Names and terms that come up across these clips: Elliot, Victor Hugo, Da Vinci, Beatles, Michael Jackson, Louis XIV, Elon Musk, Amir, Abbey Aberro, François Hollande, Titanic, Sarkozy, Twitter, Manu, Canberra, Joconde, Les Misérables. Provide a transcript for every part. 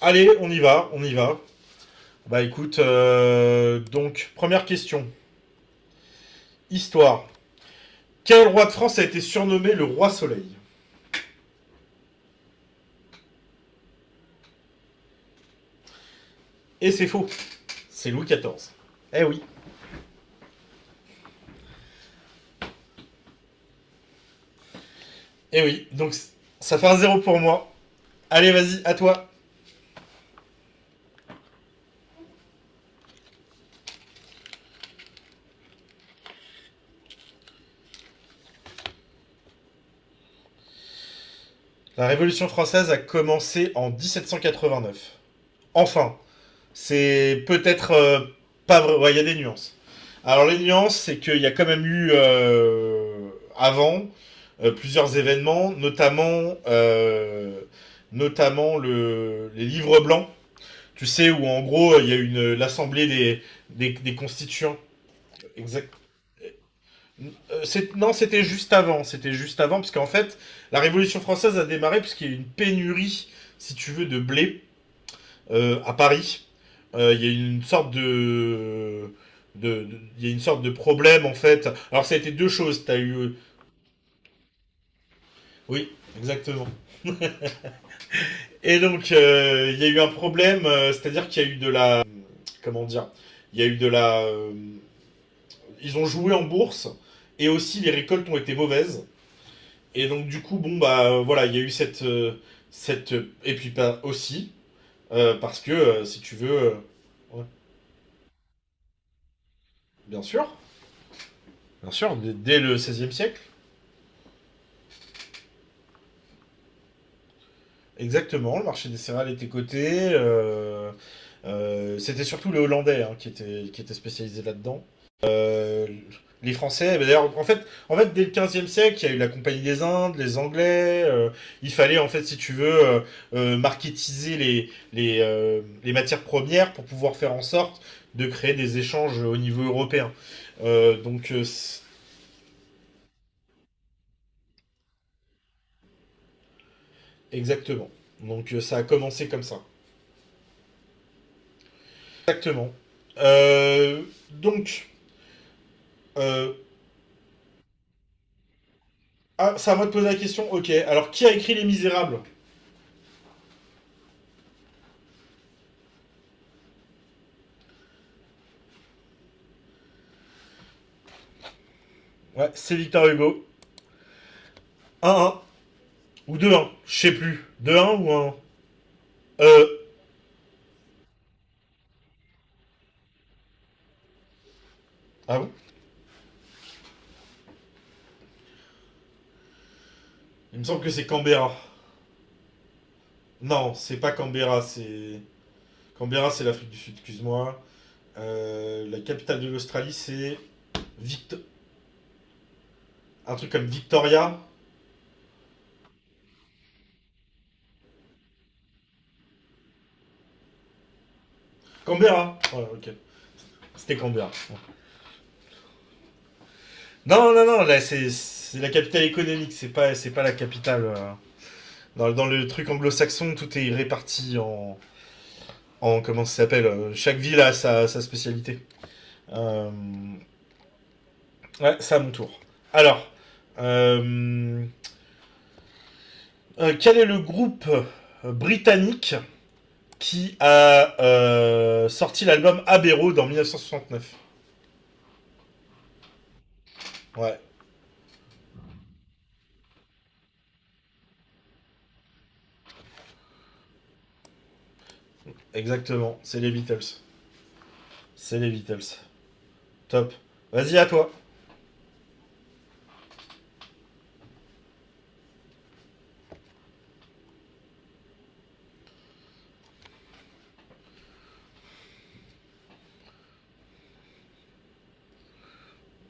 Allez, on y va, on y va. Bah écoute, donc, première question. Histoire. Quel roi de France a été surnommé le roi soleil? Et c'est faux, c'est Louis XIV. Eh oui, eh oui, donc ça fait un zéro pour moi. Allez, vas-y, à toi. La Révolution française a commencé en 1789. Enfin, c'est peut-être pas vrai. Ouais, il y a des nuances. Alors les nuances, c'est qu'il y a quand même eu avant plusieurs événements, notamment le, les livres blancs. Tu sais où en gros il y a eu une l'assemblée des, des constituants. Exact. Non, c'était juste avant. C'était juste avant parce qu'en fait la Révolution française a démarré parce qu'il y a eu une pénurie, si tu veux, de blé à Paris. Il y a une sorte de de- de- il y a une sorte de problème en fait. Alors ça a été deux choses. T'as eu oui exactement. Et donc il y a eu un problème, c'est-à-dire qu'il y a eu de la comment dire, il y a eu de la ils ont joué en bourse et aussi les récoltes ont été mauvaises. Et donc du coup bon bah voilà il y a eu cette cette et puis pas aussi parce que si tu veux ouais, bien sûr, bien sûr dès, dès le seizième siècle. Exactement, le marché des céréales était coté. C'était surtout les Hollandais hein, qui étaient spécialisés là-dedans. Euh, les Français, bah, d'ailleurs, en fait, dès le 15 siècle, il y a eu la Compagnie des Indes, les Anglais. Il fallait, en fait, si tu veux, marketiser les, les matières premières pour pouvoir faire en sorte de créer des échanges au niveau européen. Euh, donc, euh, c'est- Exactement. Donc, ça a commencé comme ça. Exactement. Euh, donc, Euh, ah, c'est à moi de poser la question. Ok, alors qui a écrit Les Misérables? Ouais, c'est Victor Hugo. Un 1 ou deux un je sais plus. Deux un ou un un? Euh. Ah bon. Il me semble que c'est Canberra. Non, c'est pas Canberra, c'est. Canberra, c'est l'Afrique du Sud, excuse-moi. La capitale de l'Australie, c'est. Victo- Un truc comme Victoria. Canberra, ouais, ok. C'était Canberra. Ouais. Non, non, non, là, c'est la capitale économique, c'est pas la capitale. Dans, dans le truc anglo-saxon, tout est réparti en, en comment ça s'appelle chaque ville a sa, sa spécialité. Euh, ouais, c'est à mon tour. Alors, euh, quel est le groupe britannique qui a sorti l'album Abbey Aberro dans 1969? Ouais, exactement. C'est les Beatles. C'est les Beatles. Top. Vas-y, à toi.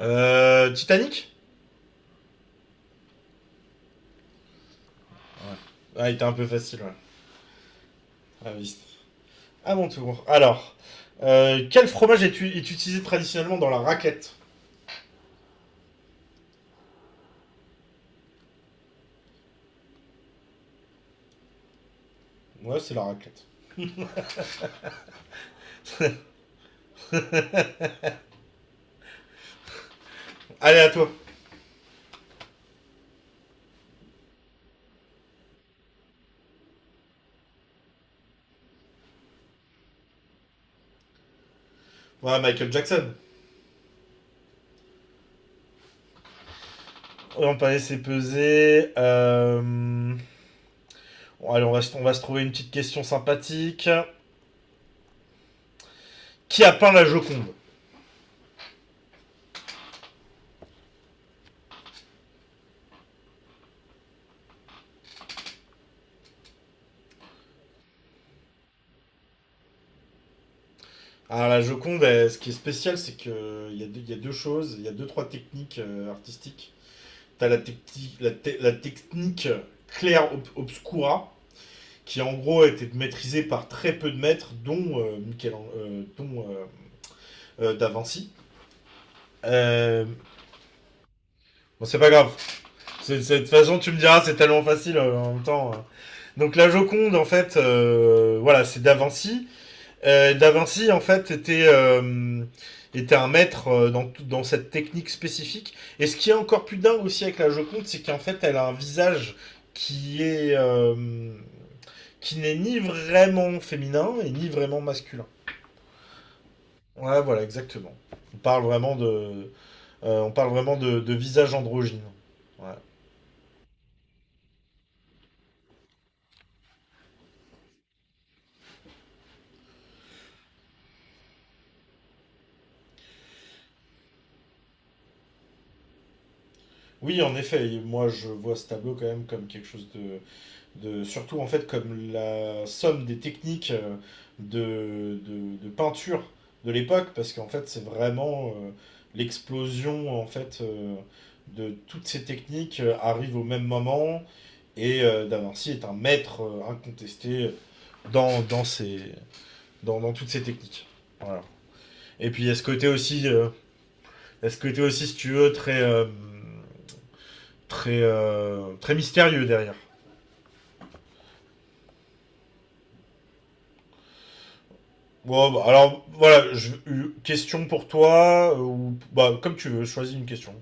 Titanic. Ouais. Ah, il était un peu facile, ouais. Ah, oui. À mon tour. Alors, quel fromage est utilisé traditionnellement dans la raclette? Ouais, c'est la raclette. Allez, à toi. Ouais, Michael Jackson. On va laisser peser. Bon, allez, on va se trouver une petite question sympathique. Qui a peint la Joconde? Alors, la Joconde, elle, ce qui est spécial, il y a deux choses. Il y a deux, trois techniques artistiques. T'as la, techti- la, te- La technique claire obscura, qui en gros a été maîtrisée par très peu de maîtres, dont, dont Da Vinci. Euh, bon, c'est pas grave. De toute façon, tu me diras, c'est tellement facile en même temps. Donc la Joconde, en fait, voilà, c'est Da Vinci. Da Vinci, en fait, était un maître dans, dans cette technique spécifique. Et ce qui est encore plus dingue aussi avec la Joconde, c'est qu'en fait, elle a un visage qui est euh, qui n'est ni vraiment féminin et ni vraiment masculin. Ouais, voilà, exactement. On parle vraiment de, on parle vraiment de visage androgyne. Ouais. Oui, en effet, moi je vois ce tableau quand même comme quelque chose de, surtout en fait comme la somme des techniques de, de peinture de l'époque, parce qu'en fait c'est vraiment l'explosion en fait de toutes ces techniques arrive au même moment, et Da Vinci est un maître incontesté dans, dans, dans toutes ces techniques. Voilà. Et puis il y a ce côté aussi, il y a ce côté aussi si tu veux, très, très mystérieux derrière. Bon, bah, alors voilà, une question pour toi, ou bah, comme tu veux, choisis une question.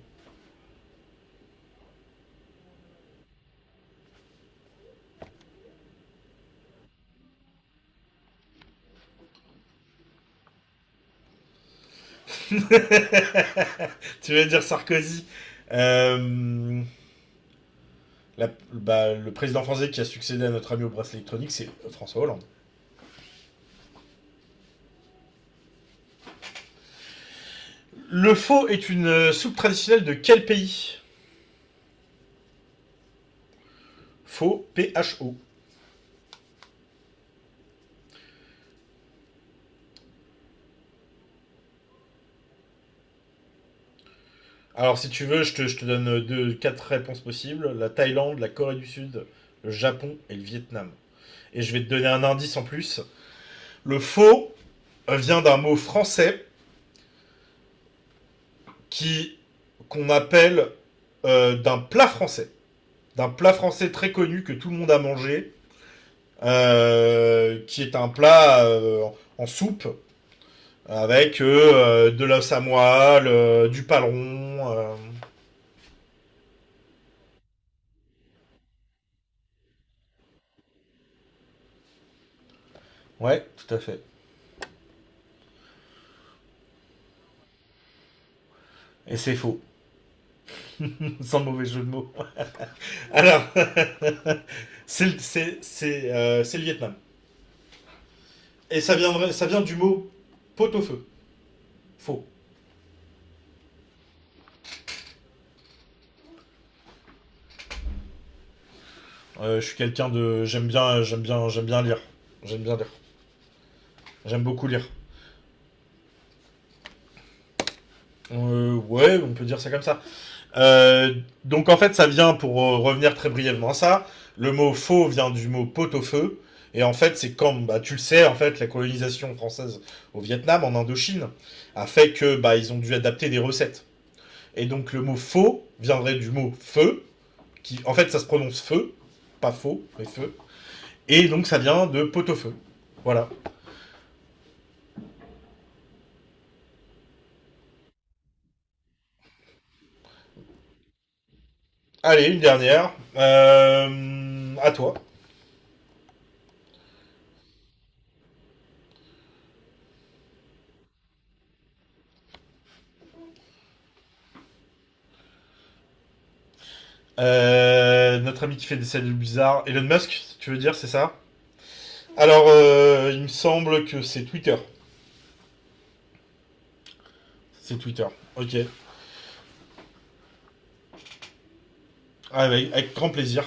Tu vas dire Sarkozy. Euh, Bah, le président français qui a succédé à notre ami au bracelet électronique, c'est François Hollande. Le faux est une soupe traditionnelle de quel pays? Faux, P-H-O. Alors si tu veux, je te donne quatre réponses possibles. La Thaïlande, la Corée du Sud, le Japon et le Vietnam. Et je vais te donner un indice en plus. Le faux vient d'un mot français qui qu'on appelle euh, d'un plat français, d'un plat français très connu que tout le monde a mangé, qui est un plat en en soupe avec de la samoile, du paleron. Ouais, tout à fait. Et c'est faux, sans mauvais jeu de mots. Alors, c'est le Vietnam. Et ça vient du mot pot au feu. Faux. Je suis quelqu'un de. J'aime bien lire. J'aime bien lire. J'aime beaucoup lire. Ouais, on peut dire ça comme ça. Euh, donc en fait, ça vient, pour revenir très brièvement à ça, le mot faux vient du mot pot au feu. Et en fait, c'est comme, bah, tu le sais, en fait, la colonisation française au Vietnam, en Indochine, a fait que bah, ils ont dû adapter des recettes. Et donc le mot faux viendrait du mot feu, qui en fait ça se prononce feu, pas faux, mais feu. Et donc ça vient de pot au feu. Voilà. Allez, une dernière. À toi. Notre ami qui fait des saluts bizarres. Elon Musk, tu veux dire, c'est ça? Alors, il me semble que c'est Twitter. C'est Twitter. Ok. Ah, avec grand plaisir.